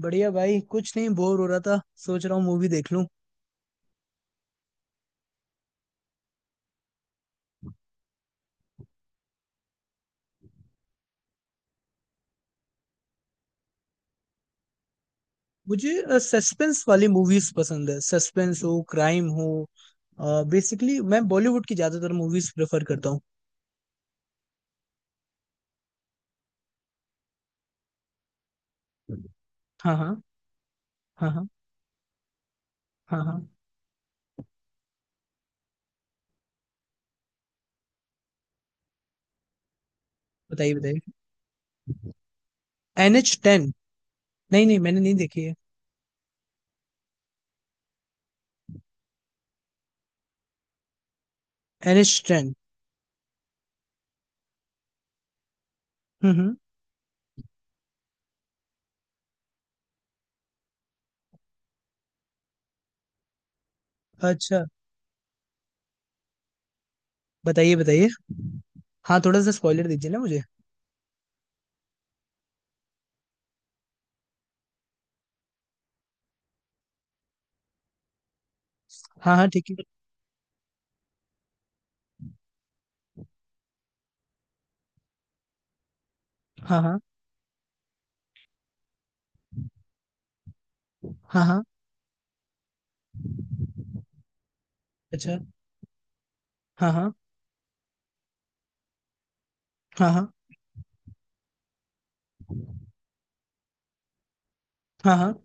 बढ़िया भाई, कुछ नहीं, बोर हो रहा था। सोच रहा हूँ मूवी देख लूं। मुझे सस्पेंस वाली मूवीज पसंद है, सस्पेंस हो, क्राइम हो। बेसिकली मैं बॉलीवुड की ज्यादातर मूवीज प्रेफर करता हूँ। हाँ, हाँ। हाँ, हाँ। हाँ, हाँ। बताइए, बताइए। N H ten. नहीं, नहीं, मैंने नहीं देखी है। NH10। हम्म, हम्म। अच्छा। बताइए, बताइए। हाँ, थोड़ा सा स्पॉइलर दीजिए ना मुझे। हाँ, हाँ, ठीक है। हाँ, हाँ। हाँ, हाँ। अच्छा। हाँ, हाँ। हाँ, हाँ। हाँ, हाँ।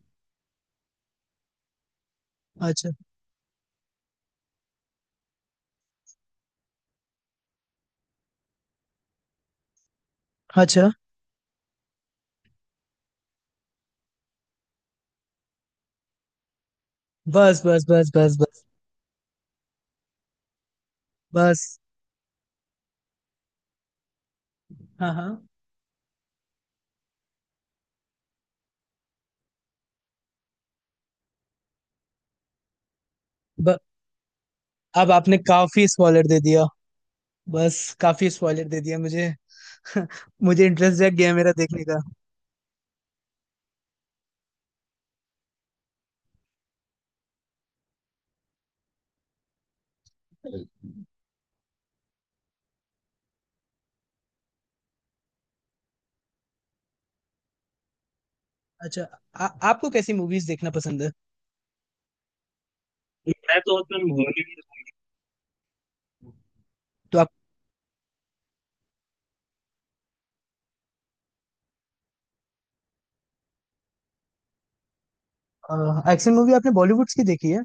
अच्छा। अच्छा। बस, बस, बस, बस, बस। बस। हाँ, हाँ। अब आपने काफी स्पॉइलर दे दिया। बस, काफी स्पॉइलर दे दिया मुझे। मुझे इंटरेस्ट जग गया मेरा देखने का। अच्छा। आपको कैसी मूवीज देखना पसंद है? मैं तो उसमें हॉलीवुड। तो आप। एक्शन मूवी आपने बॉलीवुड्स की देखी है?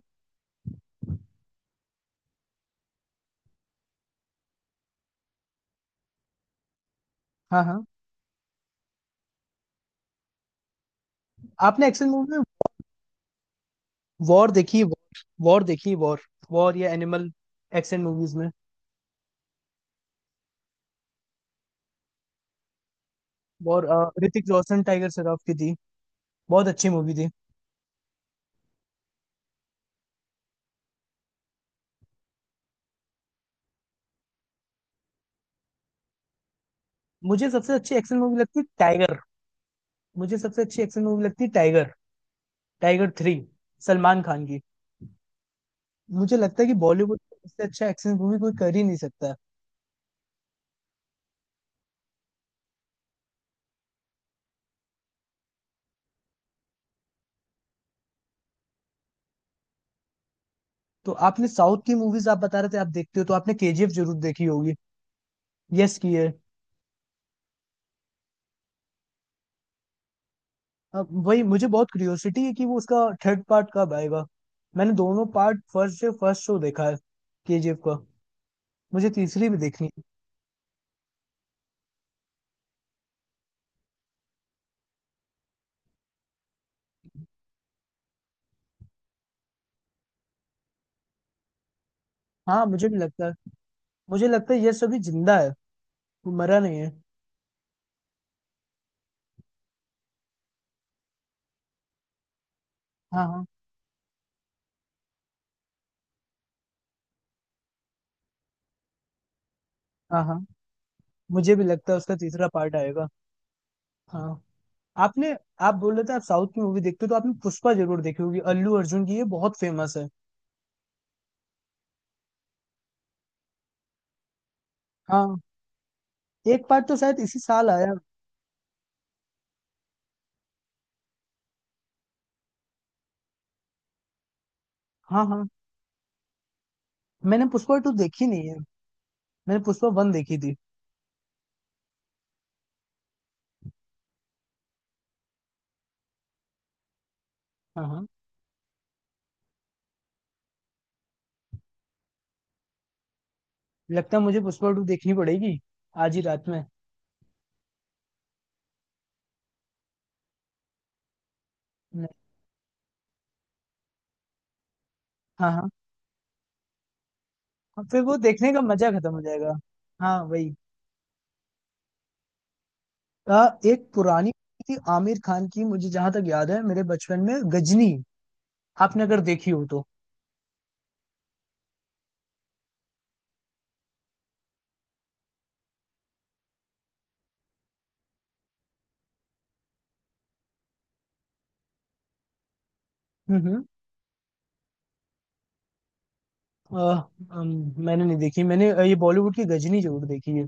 हाँ, हाँ। आपने एक्शन मूवी में। वॉर देखी है? वॉर देखी है, वॉर। वॉर या एनिमल। एक्शन मूवीज में। वॉर ऋतिक रोशन, टाइगर श्रॉफ की थी। बहुत अच्छी मूवी थी। मुझे सबसे अच्छी एक्शन मूवी लगती है टाइगर। मुझे सबसे अच्छी एक्शन मूवी लगती है Tiger. Tiger three. Salman Khan की। मुझे लगता है कि बॉलीवुड में इससे अच्छा एक्शन मूवी कोई कर ही नहीं सकता। तो आपने साउथ की मूवीज, आप बता रहे थे आप देखते हो, तो आपने KGF जरूर देखी होगी। यस की है। अब वही मुझे बहुत क्यूरियोसिटी है कि वो उसका थर्ड पार्ट कब आएगा। मैंने दोनों पार्ट फर्स्ट से फर्स्ट शो देखा है KGF का। मुझे तीसरी भी देखनी है। हाँ, मुझे भी लगता है। मुझे लगता है यस अभी जिंदा है। वो मरा नहीं है। हाँ, हाँ। हाँ, हाँ। मुझे भी लगता है उसका तीसरा पार्ट आएगा। हाँ। आपने। आप बोल रहे थे आप साउथ की मूवी देखते हो, तो आपने पुष्पा जरूर देखी होगी। अल्लू अर्जुन की, ये बहुत फेमस है। हाँ। एक पार्ट तो शायद इसी साल आया। हाँ, हाँ। मैंने पुष्पा टू देखी नहीं है। मैंने पुष्पा वन देखी थी। हाँ, हाँ। लगता है मुझे पुष्पा टू देखनी पड़ेगी, आज ही रात में। नहीं। हाँ, हाँ। और फिर वो देखने का मजा खत्म हो जाएगा। हाँ, वही। एक पुरानी थी आमिर खान की, मुझे जहां तक याद है, मेरे बचपन में, गजनी। आपने अगर देखी हो तो। हम्म, अ, मैंने नहीं देखी। मैंने ये बॉलीवुड की गजनी जरूर देखी है।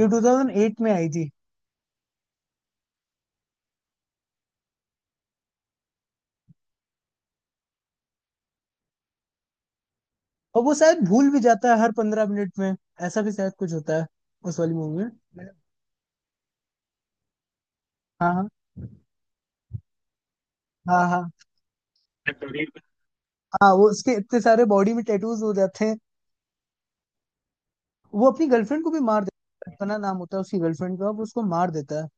ये 2008 में आई थी। और वो शायद भूल भी जाता है हर 15 मिनट में। ऐसा भी शायद कुछ होता है, उस वाली मूवी में। हाँ, हाँ। हाँ, हाँ। हाँ, वो उसके इतने सारे बॉडी में टैटूज हो जाते हैं। वो अपनी गर्लफ्रेंड को भी मार देता है। कल्पना नाम होता है उसकी गर्लफ्रेंड का। वो उसको मार देता है।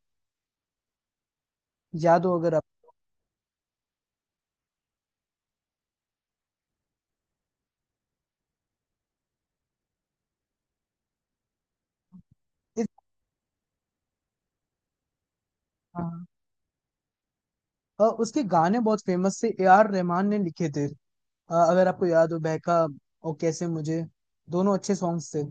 याद हो अगर आप। इस, हाँ, और उसके गाने बहुत फेमस थे, ए आर रहमान ने लिखे थे। अगर आपको याद हो, बहका। और कैसे मुझे। दोनों अच्छे सॉन्ग्स थे।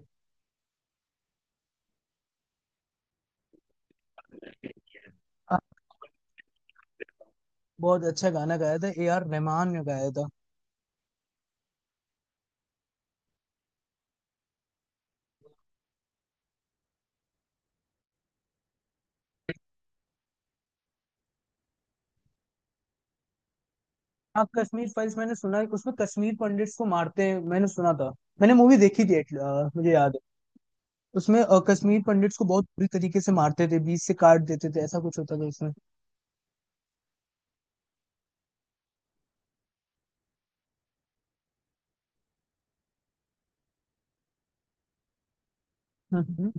बहुत अच्छा गाना गाया था, ए आर रहमान ने गाया था। हाँ, कश्मीर फाइल्स मैंने सुना है, उसमें कश्मीर पंडिट्स को मारते हैं, मैंने सुना था। मैंने मूवी देखी थी, मुझे याद है। उसमें कश्मीर पंडिट्स को बहुत बुरी तरीके से मारते थे, बीच से काट देते थे, ऐसा कुछ होता था उसमें। हम्म।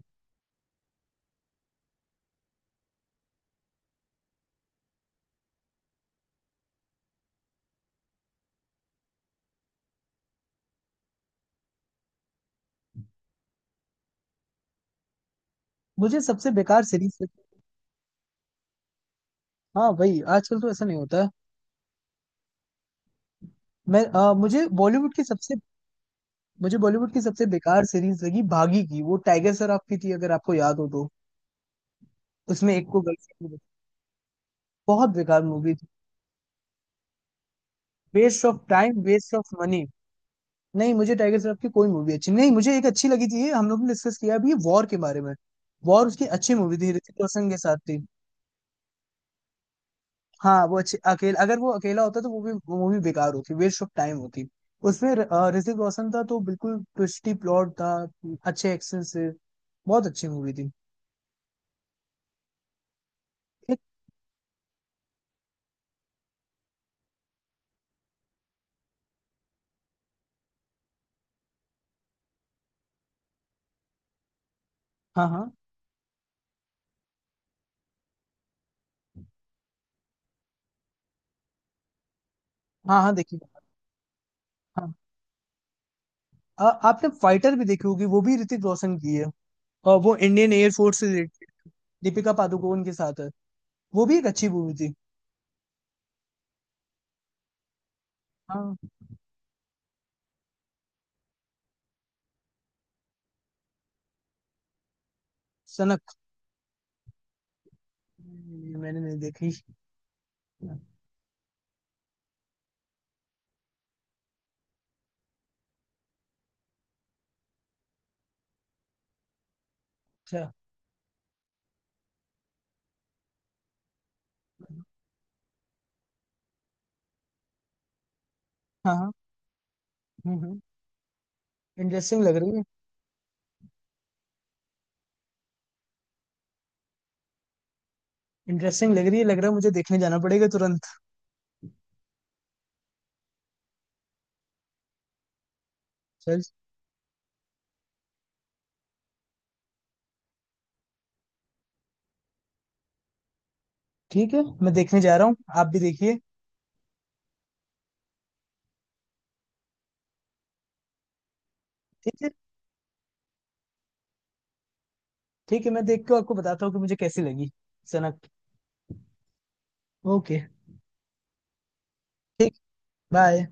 मुझे सबसे बेकार सीरीज। हाँ, वही, आजकल तो ऐसा नहीं होता है। मुझे बॉलीवुड की सबसे। मुझे बॉलीवुड की सबसे बेकार सीरीज लगी भागी की, वो टाइगर श्रॉफ की थी, अगर आपको याद हो तो। उसमें एक को गर्लफ्रेंड। बहुत बेकार मूवी थी। Waste of time, waste of money. नहीं, मुझे टाइगर श्रॉफ की कोई मूवी अच्छी नहीं। मुझे एक अच्छी लगी थी, हम लोग ने डिस्कस किया भी, वॉर के बारे में। वॉर उसकी अच्छी मूवी थी, ऋतिक रोशन के साथ थी। हाँ, वो अच्छी, अकेला अगर वो अकेला होता तो वो भी, वो मूवी बेकार होती, वेस्ट ऑफ टाइम होती। उसमें ऋतिक रोशन था, तो बिल्कुल ट्विस्टी प्लॉट था, अच्छे एक्शन से। बहुत अच्छी मूवी थी। एक- हाँ, हाँ। हाँ, हाँ, देखिए। हाँ। आपने फाइटर भी देखी होगी, वो भी ऋतिक रोशन की है। और वो इंडियन एयर फोर्स से रिलेटेड, दीपिका पादुकोण के साथ है। वो भी एक अच्छी मूवी थी। हाँ, सनक। नहीं, मैंने नहीं देखी। अच्छा। हाँ, हाँ। हम्म, हम्म। इंटरेस्टिंग लग रही है। इंटरेस्टिंग लग रही है, लग रहा है मुझे देखने जाना पड़ेगा तुरंत। चल। ठीक है, मैं देखने जा रहा हूँ, आप भी देखिए। ठीक है। ठीक है, मैं देख के आपको बताता हूँ कि मुझे कैसी लगी। सनक। ओके। ठीक। बाय।